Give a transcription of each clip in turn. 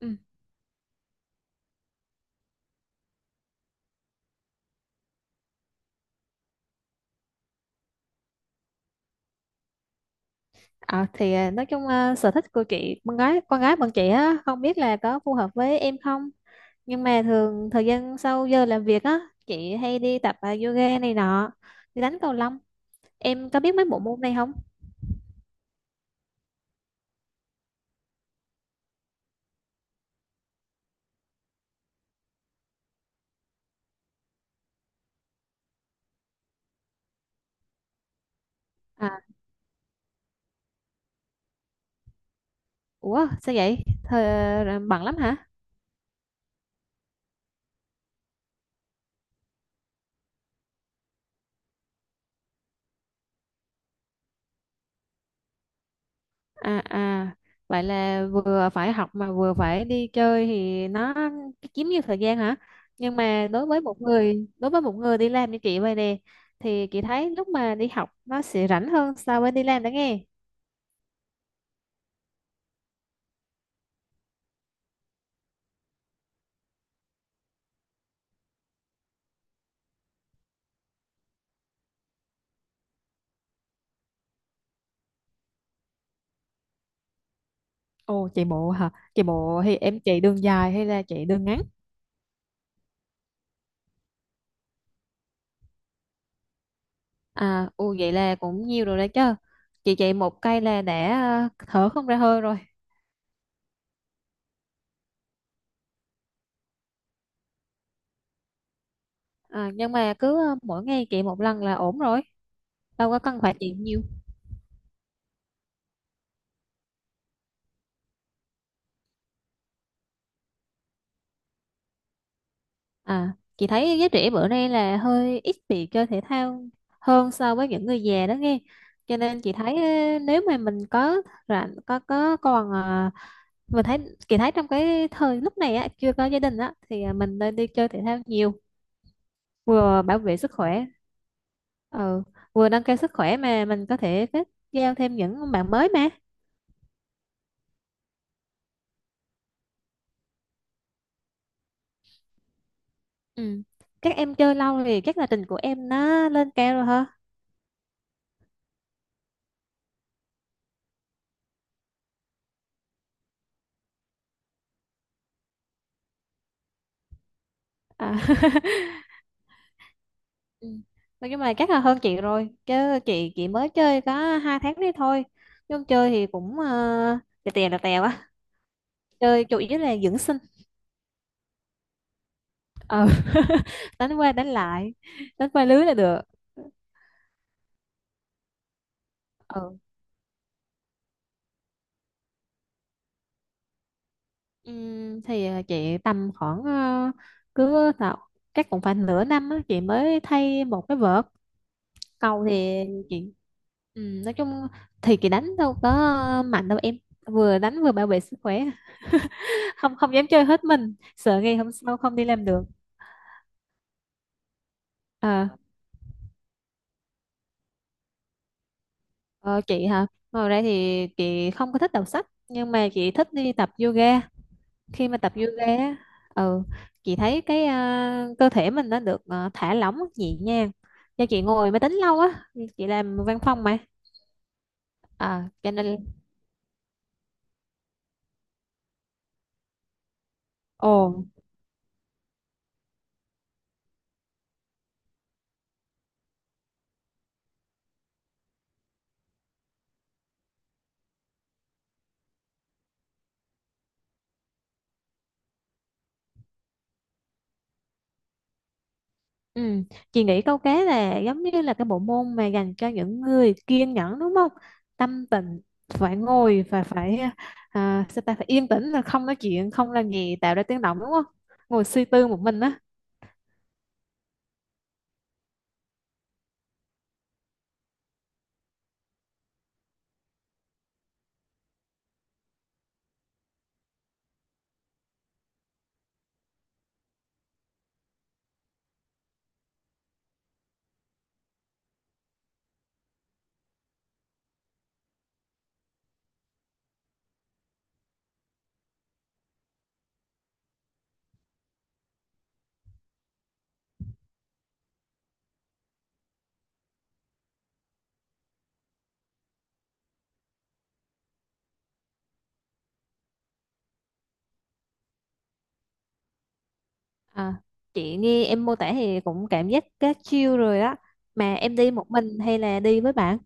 Ừ. Nói chung, sở thích của chị con gái bọn chị á, không biết là có phù hợp với em không, nhưng mà thường thời gian sau giờ làm việc á, chị hay đi tập yoga này nọ, đi đánh cầu lông. Em có biết mấy bộ môn này không? À, ủa sao vậy? Bận lắm hả? À à, vậy là vừa phải học mà vừa phải đi chơi thì nó chiếm nhiều thời gian hả? Nhưng mà đối với một người đi làm như chị vậy nè, thì chị thấy lúc mà đi học nó sẽ rảnh hơn so với đi làm đó nghe. Ồ, chạy bộ hả? Chạy bộ thì em chạy đường dài hay là chạy đường ngắn? À, ồ, vậy là cũng nhiều rồi đấy chứ. Chị chạy một cây là đã thở không ra hơi rồi. Nhưng mà cứ mỗi ngày chạy một lần là ổn rồi, đâu có cần phải chạy nhiều. À, chị thấy giới trẻ bữa nay là hơi ít bị chơi thể thao hơn so với những người già đó nghe. Cho nên chị thấy nếu mà mình có rảnh có còn ờ, mình thấy chị thấy trong cái thời lúc này á, chưa có gia đình á, thì mình nên đi chơi thể thao nhiều, vừa bảo vệ sức khỏe, ừ, vừa nâng cao sức khỏe mà mình có thể kết giao thêm những bạn mới mà. Ừ. Các em chơi lâu thì chắc là trình của em nó lên cao rồi hả? À. Ừ. Mà nhưng mà chắc là hơn chị rồi chứ, chị mới chơi có 2 tháng đấy thôi, nhưng chơi thì cũng tè tè là tè quá, chơi chủ yếu là dưỡng sinh. Ờ. Đánh qua đánh lại, đánh qua lưới là được. Ừ. Chị tầm khoảng, cứ tạo chắc cũng phải nửa năm á, chị mới thay một cái vợt. Cầu thì chị nói chung thì chị đánh đâu có mạnh đâu em, vừa đánh vừa bảo vệ sức khỏe, không không dám chơi hết mình, sợ ngày hôm sau không đi làm được. à, ờ, chị hả, ngồi đây thì chị không có thích đọc sách, nhưng mà chị thích đi tập yoga. Khi mà tập yoga á, ừ, chị thấy cơ thể mình nó được thả lỏng nhẹ nhàng, do chị ngồi máy tính lâu á, chị làm văn phòng mà. À, cho nên ồ. Ừ. Chị nghĩ câu cá là giống như là cái bộ môn mà dành cho những người kiên nhẫn đúng không? Tâm tịnh, phải ngồi và phải, sao ta, phải yên tĩnh, là không nói chuyện không làm gì tạo ra tiếng động đúng không? Ngồi suy tư một mình á. À, chị nghe em mô tả thì cũng cảm giác cá chiêu rồi á. Mà em đi một mình hay là đi với bạn?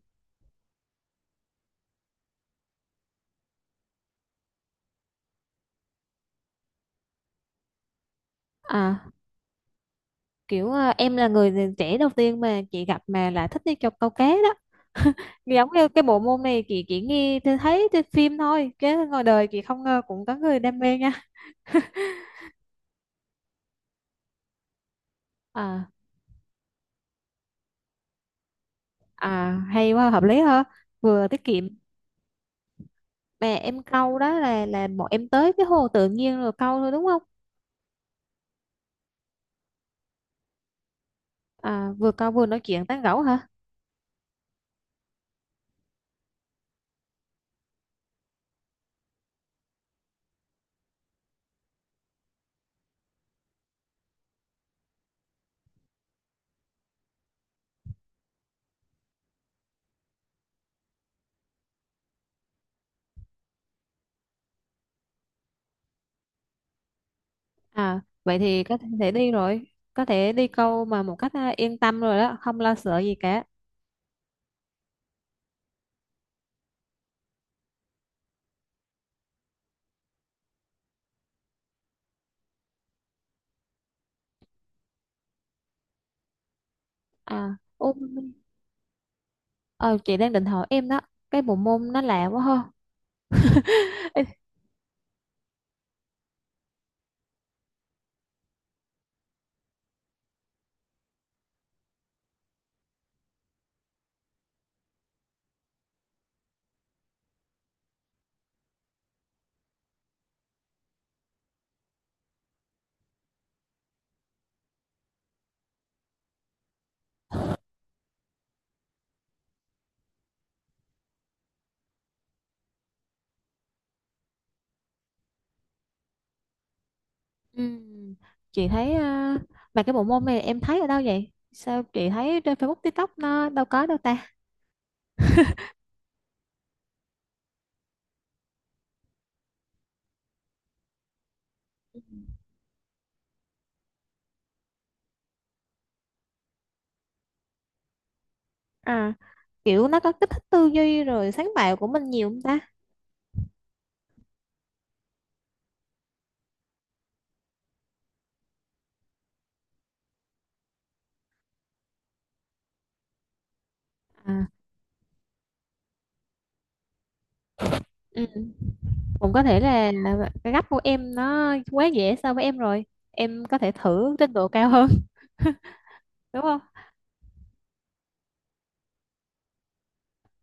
À, kiểu em là người trẻ đầu tiên mà chị gặp mà lại thích đi cho câu cá đó. Giống như cái bộ môn này chị chỉ nghe tôi thấy trên phim thôi, chứ ngoài đời chị không ngờ cũng có người đam mê nha. À. À, hay quá, hợp lý ha, vừa tiết kiệm. Mà em câu đó là bọn em tới cái hồ tự nhiên rồi câu thôi đúng không? À, vừa câu vừa nói chuyện tán gẫu hả? À, vậy thì có thể đi rồi, có thể đi câu mà một cách yên tâm rồi đó, không lo sợ gì cả. À ôm. Ờ, chị đang định hỏi em đó, cái bộ môn nó lạ quá ha. Ừm, chị thấy à, mà cái bộ môn này em thấy ở đâu vậy? Sao chị thấy trên Facebook, TikTok nó đâu có đâu ta? Ừ. À, kiểu nó có kích thích tư duy rồi sáng tạo của mình nhiều không ta? À, ừ. Cũng có thể là cái gấp của em nó quá dễ so với em rồi. Em có thể thử trình độ cao hơn, đúng không?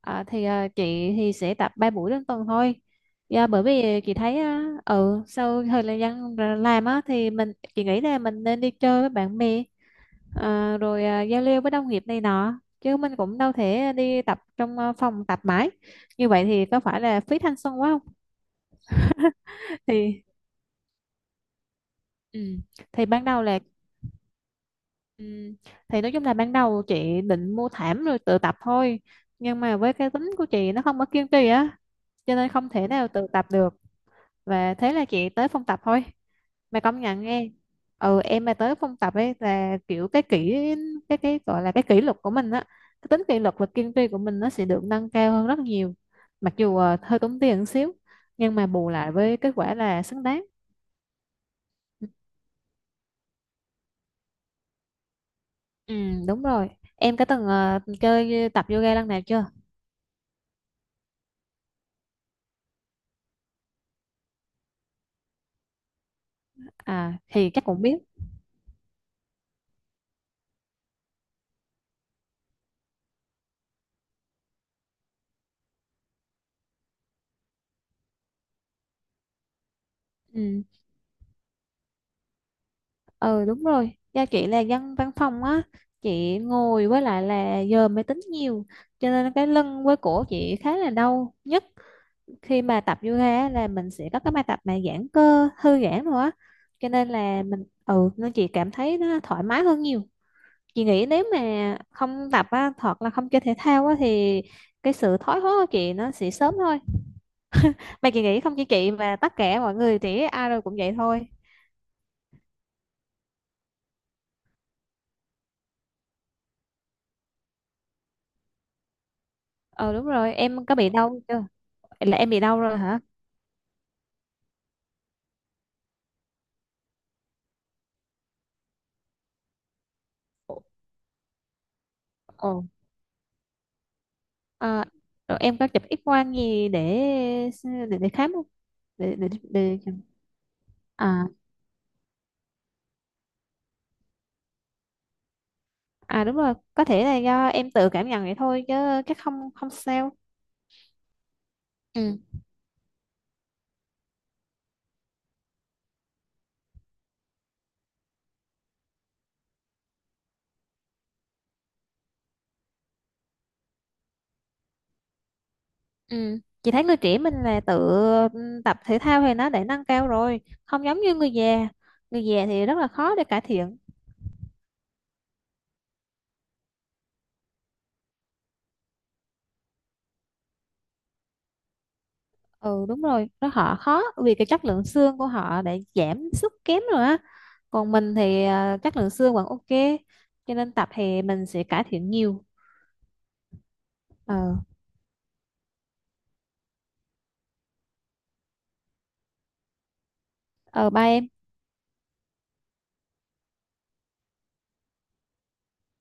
Chị thì sẽ tập 3 buổi trên tuần thôi. Dạ, bởi vì chị thấy à, ừ, sau thời gian làm á, thì chị nghĩ là mình nên đi chơi với bạn bè, rồi giao lưu với đồng nghiệp này nọ, chứ mình cũng đâu thể đi tập trong phòng tập mãi, như vậy thì có phải là phí thanh xuân quá không? Thì, ừ, thì ban đầu là, ừ, thì nói chung là ban đầu chị định mua thảm rồi tự tập thôi, nhưng mà với cái tính của chị nó không có kiên trì á, cho nên không thể nào tự tập được, và thế là chị tới phòng tập thôi. Mà công nhận nghe, ừ, em mà tới phòng tập ấy là kiểu cái gọi là cái kỷ luật của mình á, cái tính kỷ luật và kiên trì của mình nó sẽ được nâng cao hơn rất nhiều, mặc dù hơi tốn tiền một xíu, nhưng mà bù lại với kết quả là xứng đáng. Ừ, đúng rồi. Em có từng chơi tập yoga lần nào chưa? À, thì chắc cũng biết. Ừ. Ừ, đúng rồi, do chị là dân văn phòng á, chị ngồi với lại là giờ máy tính nhiều, cho nên cái lưng với cổ chị khá là đau nhất. Khi mà tập yoga á, là mình sẽ có cái bài tập mà giãn cơ thư giãn rồi á, cho nên là mình, ừ, nên chị cảm thấy nó thoải mái hơn nhiều. Chị nghĩ nếu mà không tập á, hoặc là không chơi thể thao á, thì cái sự thoái hóa của chị nó sẽ sớm thôi, mà chị nghĩ không chỉ chị mà tất cả mọi người thì ai rồi cũng vậy thôi. Ừ đúng rồi, em có bị đau chưa? Là em bị đau rồi hả? Ồ, à, rồi em có chụp X quang gì để khám không? Để, để, để... À, à đúng rồi, có thể là do em tự cảm nhận vậy thôi chứ chắc không, không sao. Ừ, ừ. Chị thấy người trẻ mình là ừ, tập thể thao thì nó để nâng cao rồi, không giống như người già. Người già thì rất là khó để cải thiện. Ừ đúng rồi, nó họ khó vì cái chất lượng xương của họ đã giảm sút kém rồi á. Còn mình thì à, chất lượng xương vẫn ok, cho nên tập thì mình sẽ cải thiện nhiều. Ờ. Ờ ba em